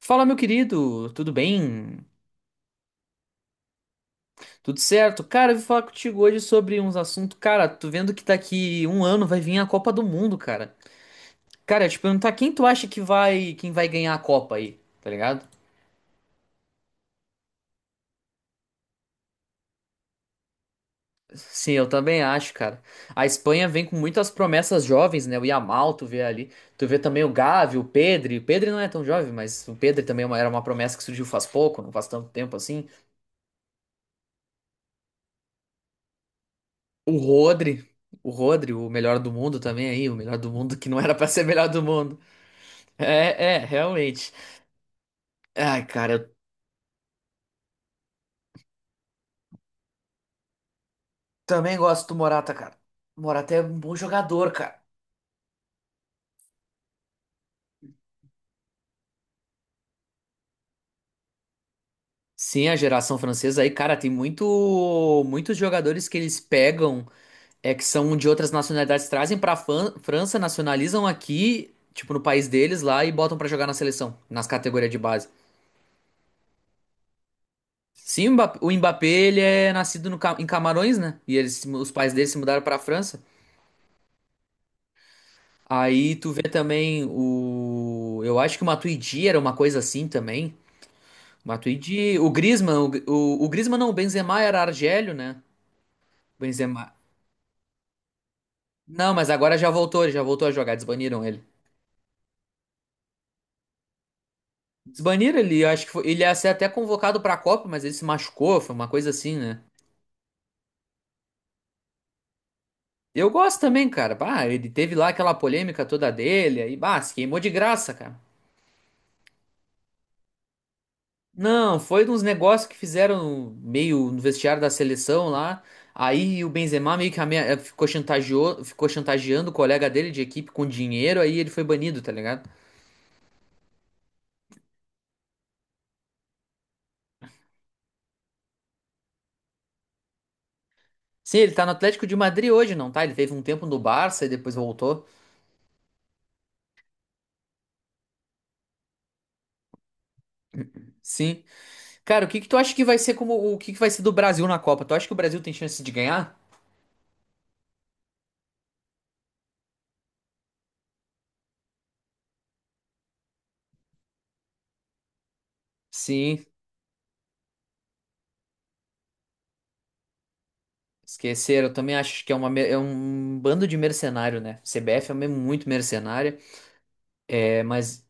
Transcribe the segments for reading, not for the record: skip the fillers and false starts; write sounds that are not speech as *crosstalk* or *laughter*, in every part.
Fala, meu querido, tudo bem? Tudo certo? Cara, eu vim falar contigo hoje sobre uns assuntos. Cara, tô vendo que daqui um ano vai vir a Copa do Mundo, cara. Cara, eu te perguntar quem tu acha que vai, quem vai ganhar a Copa aí, tá ligado? Sim, eu também acho, cara. A Espanha vem com muitas promessas jovens, né? O Yamal, tu vê ali. Tu vê também o Gavi, o Pedri. O Pedri não é tão jovem, mas o Pedri também é era uma promessa que surgiu faz pouco, não faz tanto tempo assim. O Rodri. O Rodri, o melhor do mundo também aí, o melhor do mundo que não era pra ser melhor do mundo. É, é, realmente. Ai, cara, eu também gosto do Morata, cara. O Morata é um bom jogador, cara. Sim, a geração francesa aí, cara, tem muitos jogadores que eles pegam, é que são de outras nacionalidades, trazem pra França, nacionalizam aqui, tipo no país deles lá e botam pra jogar na seleção, nas categorias de base. Sim, o Mbappé, ele é nascido no Ca- em Camarões, né? E eles, se mu- os pais dele se mudaram pra França. Aí tu vê também eu acho que o Matuidi era uma coisa assim também. Matuidi, o Griezmann, o Griezmann não, o Benzema era Argélio, né? Benzema. Não, mas agora já voltou, ele já voltou a jogar, desbaniram ele. Desbaniram ele, eu acho que ele ia ser até convocado pra Copa, mas ele se machucou, foi uma coisa assim, né? Eu gosto também, cara. Bah, ele teve lá aquela polêmica toda dele, aí, bah, se queimou de graça, cara. Não, foi uns negócios que fizeram meio no vestiário da seleção lá. Aí o Benzema meio que ficou chantageando o colega dele de equipe com dinheiro, aí ele foi banido, tá ligado? Sim, ele tá no Atlético de Madrid hoje, não tá? Ele teve um tempo no Barça e depois voltou. Sim. Cara, o que que tu acha que vai ser como o que que vai ser do Brasil na Copa? Tu acha que o Brasil tem chance de ganhar? Sim, esqueceram. Eu também acho que é, uma, é um bando de mercenário, né? CBF é mesmo muito mercenária. É, mas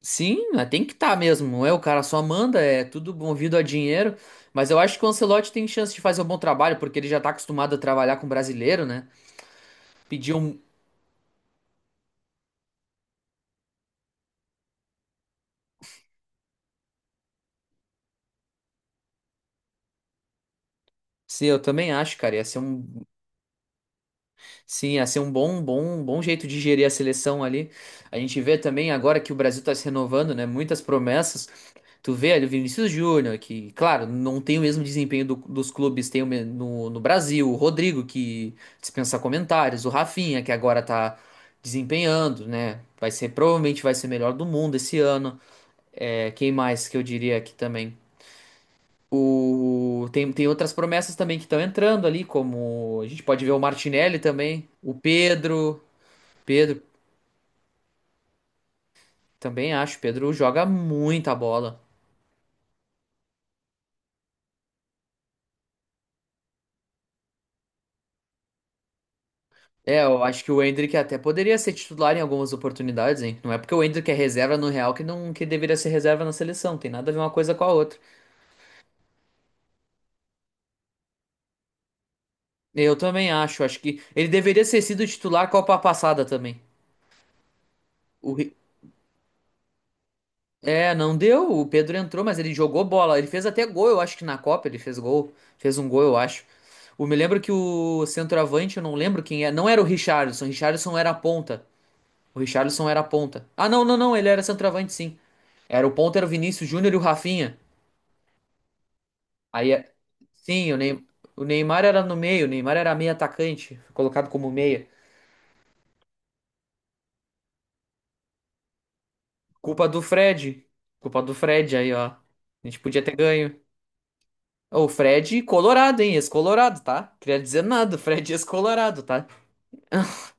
sim, né, tem que estar tá mesmo. Não é o cara só manda, é tudo movido a dinheiro. Mas eu acho que o Ancelotti tem chance de fazer um bom trabalho, porque ele já tá acostumado a trabalhar com brasileiro, né? Pediu um. Sim, eu também acho, cara. Ia ser um Sim, ia ser um bom, bom, bom jeito de gerir a seleção ali. A gente vê também agora que o Brasil está se renovando, né? Muitas promessas. Tu vê ali o Vinícius Júnior, que, claro, não tem o mesmo desempenho dos clubes, no Brasil, o Rodrigo, que dispensa comentários, o Rafinha, que agora tá desempenhando, né? Provavelmente vai ser melhor do mundo esse ano. É, quem mais que eu diria aqui também? Tem outras promessas também que estão entrando ali, como a gente pode ver o Martinelli também, o Pedro. Pedro, também acho. Pedro joga muita bola. É, eu acho que o Endrick até poderia ser titular em algumas oportunidades, hein? Não é porque o Endrick é reserva no Real que não que deveria ser reserva na seleção. Tem nada a ver uma coisa com a outra. Eu também acho. Acho que ele deveria ter sido titular a Copa passada também. O Ri- é, não deu. O Pedro entrou, mas ele jogou bola. Ele fez até gol, eu acho que na Copa ele fez gol. Fez um gol, eu acho. Eu me lembro que o centroavante, eu não lembro quem é. Não era o Richarlison. Richarlison era a ponta. O Richarlison era ponta. Ah, não, não, não, ele era centroavante, sim. Era o ponta, era o Vinícius Júnior e o Rafinha. Aí, sim, o Neymar era no meio, o Neymar era meio atacante, foi colocado como meia. Culpa do Fred. Culpa do Fred aí, ó. A gente podia ter ganho. Ô, o Fred colorado, hein? Ex-colorado, tá? Queria dizer nada, o Fred ex-colorado, tá? *laughs*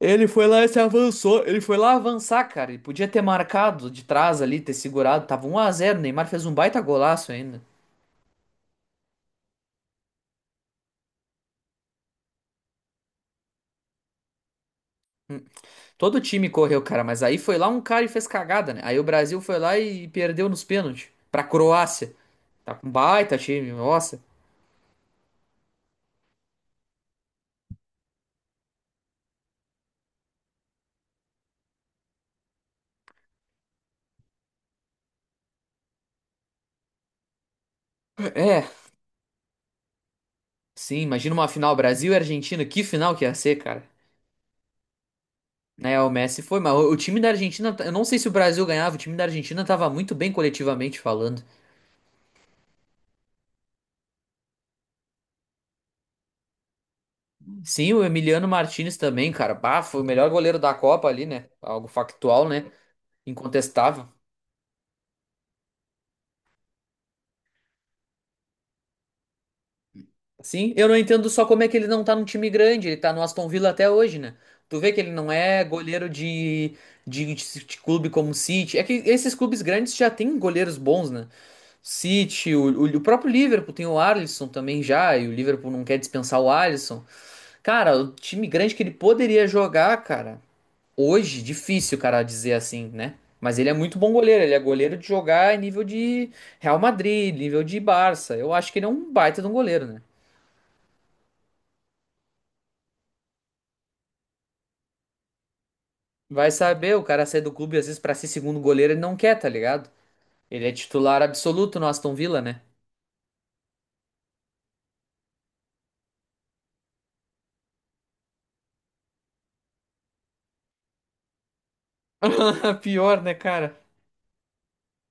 Ele foi lá e se avançou. Ele foi lá avançar, cara. Ele podia ter marcado de trás ali, ter segurado. Tava 1 a 0. O Neymar fez um baita golaço ainda. Todo time correu, cara, mas aí foi lá um cara e fez cagada, né? Aí o Brasil foi lá e perdeu nos pênaltis pra Croácia. Tá com baita time, nossa. É, sim, imagina uma final Brasil e Argentina, que final que ia ser, cara. Né, o Messi foi, mas o time da Argentina, eu não sei se o Brasil ganhava, o time da Argentina tava muito bem coletivamente falando. Sim, o Emiliano Martinez também, cara, bah, foi o melhor goleiro da Copa ali, né? Algo factual, né? Incontestável. Sim, eu não entendo só como é que ele não tá num time grande, ele tá no Aston Villa até hoje, né? Tu vê que ele não é goleiro de clube como o City. É que esses clubes grandes já têm goleiros bons, né? City, o próprio Liverpool tem o Alisson também já, e o Liverpool não quer dispensar o Alisson. Cara, o time grande que ele poderia jogar, cara, hoje, difícil, cara, dizer assim, né? Mas ele é muito bom goleiro, ele é goleiro de jogar em nível de Real Madrid, nível de Barça. Eu acho que ele é um baita de um goleiro, né? Vai saber, o cara sai do clube às vezes pra ser segundo goleiro, ele não quer, tá ligado? Ele é titular absoluto no Aston Villa, né? *laughs* Pior, né, cara?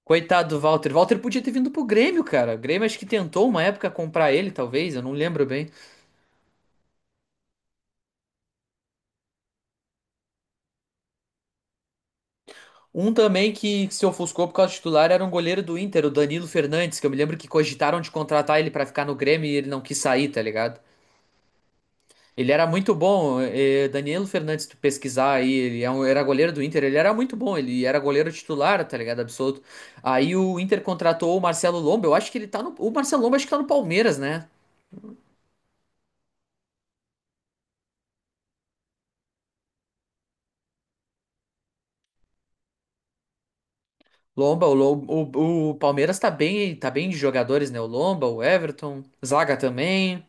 Coitado do Walter. Walter podia ter vindo pro Grêmio, cara. O Grêmio acho que tentou uma época comprar ele, talvez, eu não lembro bem. Um também que se ofuscou por causa do titular era um goleiro do Inter, o Danilo Fernandes, que eu me lembro que cogitaram de contratar ele pra ficar no Grêmio e ele não quis sair, tá ligado? Ele era muito bom, Danilo Fernandes, se tu pesquisar aí, ele é era goleiro do Inter, ele era muito bom, ele era goleiro titular, tá ligado? Absoluto. Aí o Inter contratou o Marcelo Lomba, eu acho que ele tá no, o Marcelo Lomba acho que tá no Palmeiras, né? Lomba, o Palmeiras tá bem de jogadores, né? O Lomba, o Everton, Zaga também.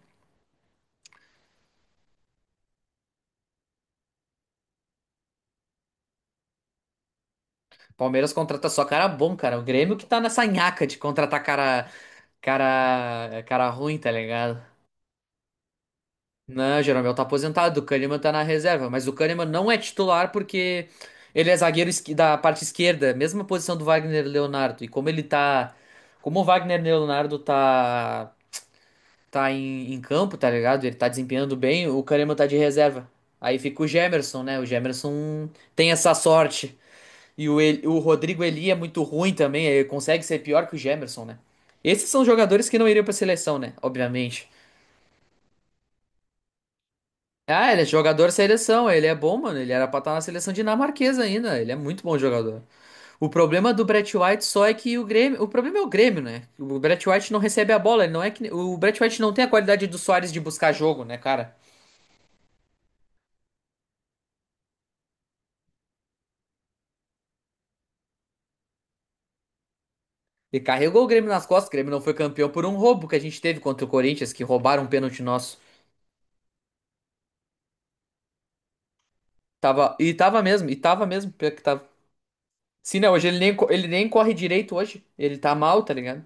Palmeiras contrata só cara bom, cara. O Grêmio que tá nessa nhaca de contratar cara ruim, tá ligado? Não, Jeromel tá aposentado, o Kahneman tá na reserva, mas o Kahneman não é titular porque ele é zagueiro da parte esquerda, mesma posição do Wagner Leonardo. E como ele tá, como o Wagner Leonardo tá em campo, tá ligado? Ele tá desempenhando bem, o Kahneman tá de reserva. Aí fica o Gemerson, né? O Gemerson tem essa sorte. E o Rodrigo Eli é muito ruim também, ele consegue ser pior que o Gemerson, né? Esses são jogadores que não iriam pra seleção, né? Obviamente. Ah, ele é jogador seleção, ele é bom, mano. Ele era pra estar na seleção dinamarquesa ainda. Ele é muito bom jogador. O problema do Brett White só é que o Grêmio. O problema é o Grêmio, né? O Brett White não recebe a bola. Ele não é que. O Brett White não tem a qualidade do Soares de buscar jogo, né, cara? Ele carregou o Grêmio nas costas. O Grêmio não foi campeão por um roubo que a gente teve contra o Corinthians, que roubaram um pênalti nosso. Tava. E tava mesmo, e tava mesmo, pior que tava. Sim, não, hoje ele nem corre direito hoje. Ele tá mal, tá ligado?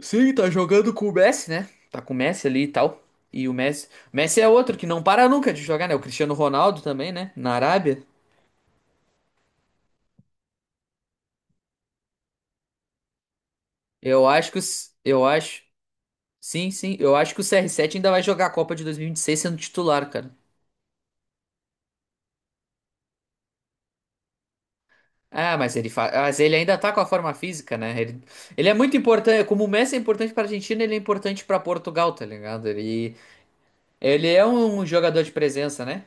Sim, tá jogando com o Messi, né? Tá com o Messi ali e tal. E o Messi é outro que não para nunca de jogar, né? O Cristiano Ronaldo também, né? Na Arábia. Eu acho que os... eu acho, Sim, sim, eu acho que o CR7 ainda vai jogar a Copa de 2026 sendo titular, cara. Ah, mas ele ainda tá com a forma física, né? Ele é muito importante, como o Messi é importante pra Argentina, ele é importante pra Portugal, tá ligado? Ele é um jogador de presença, né?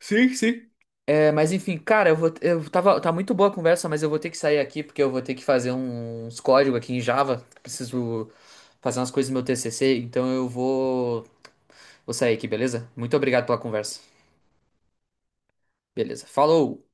Sim, sim. É, mas enfim, cara, eu vou, eu tava, tá muito boa a conversa, mas eu vou ter que sair aqui porque eu vou ter que fazer uns códigos aqui em Java. Preciso fazer umas coisas no meu TCC, então eu vou sair aqui, beleza? Muito obrigado pela conversa. Beleza. Falou!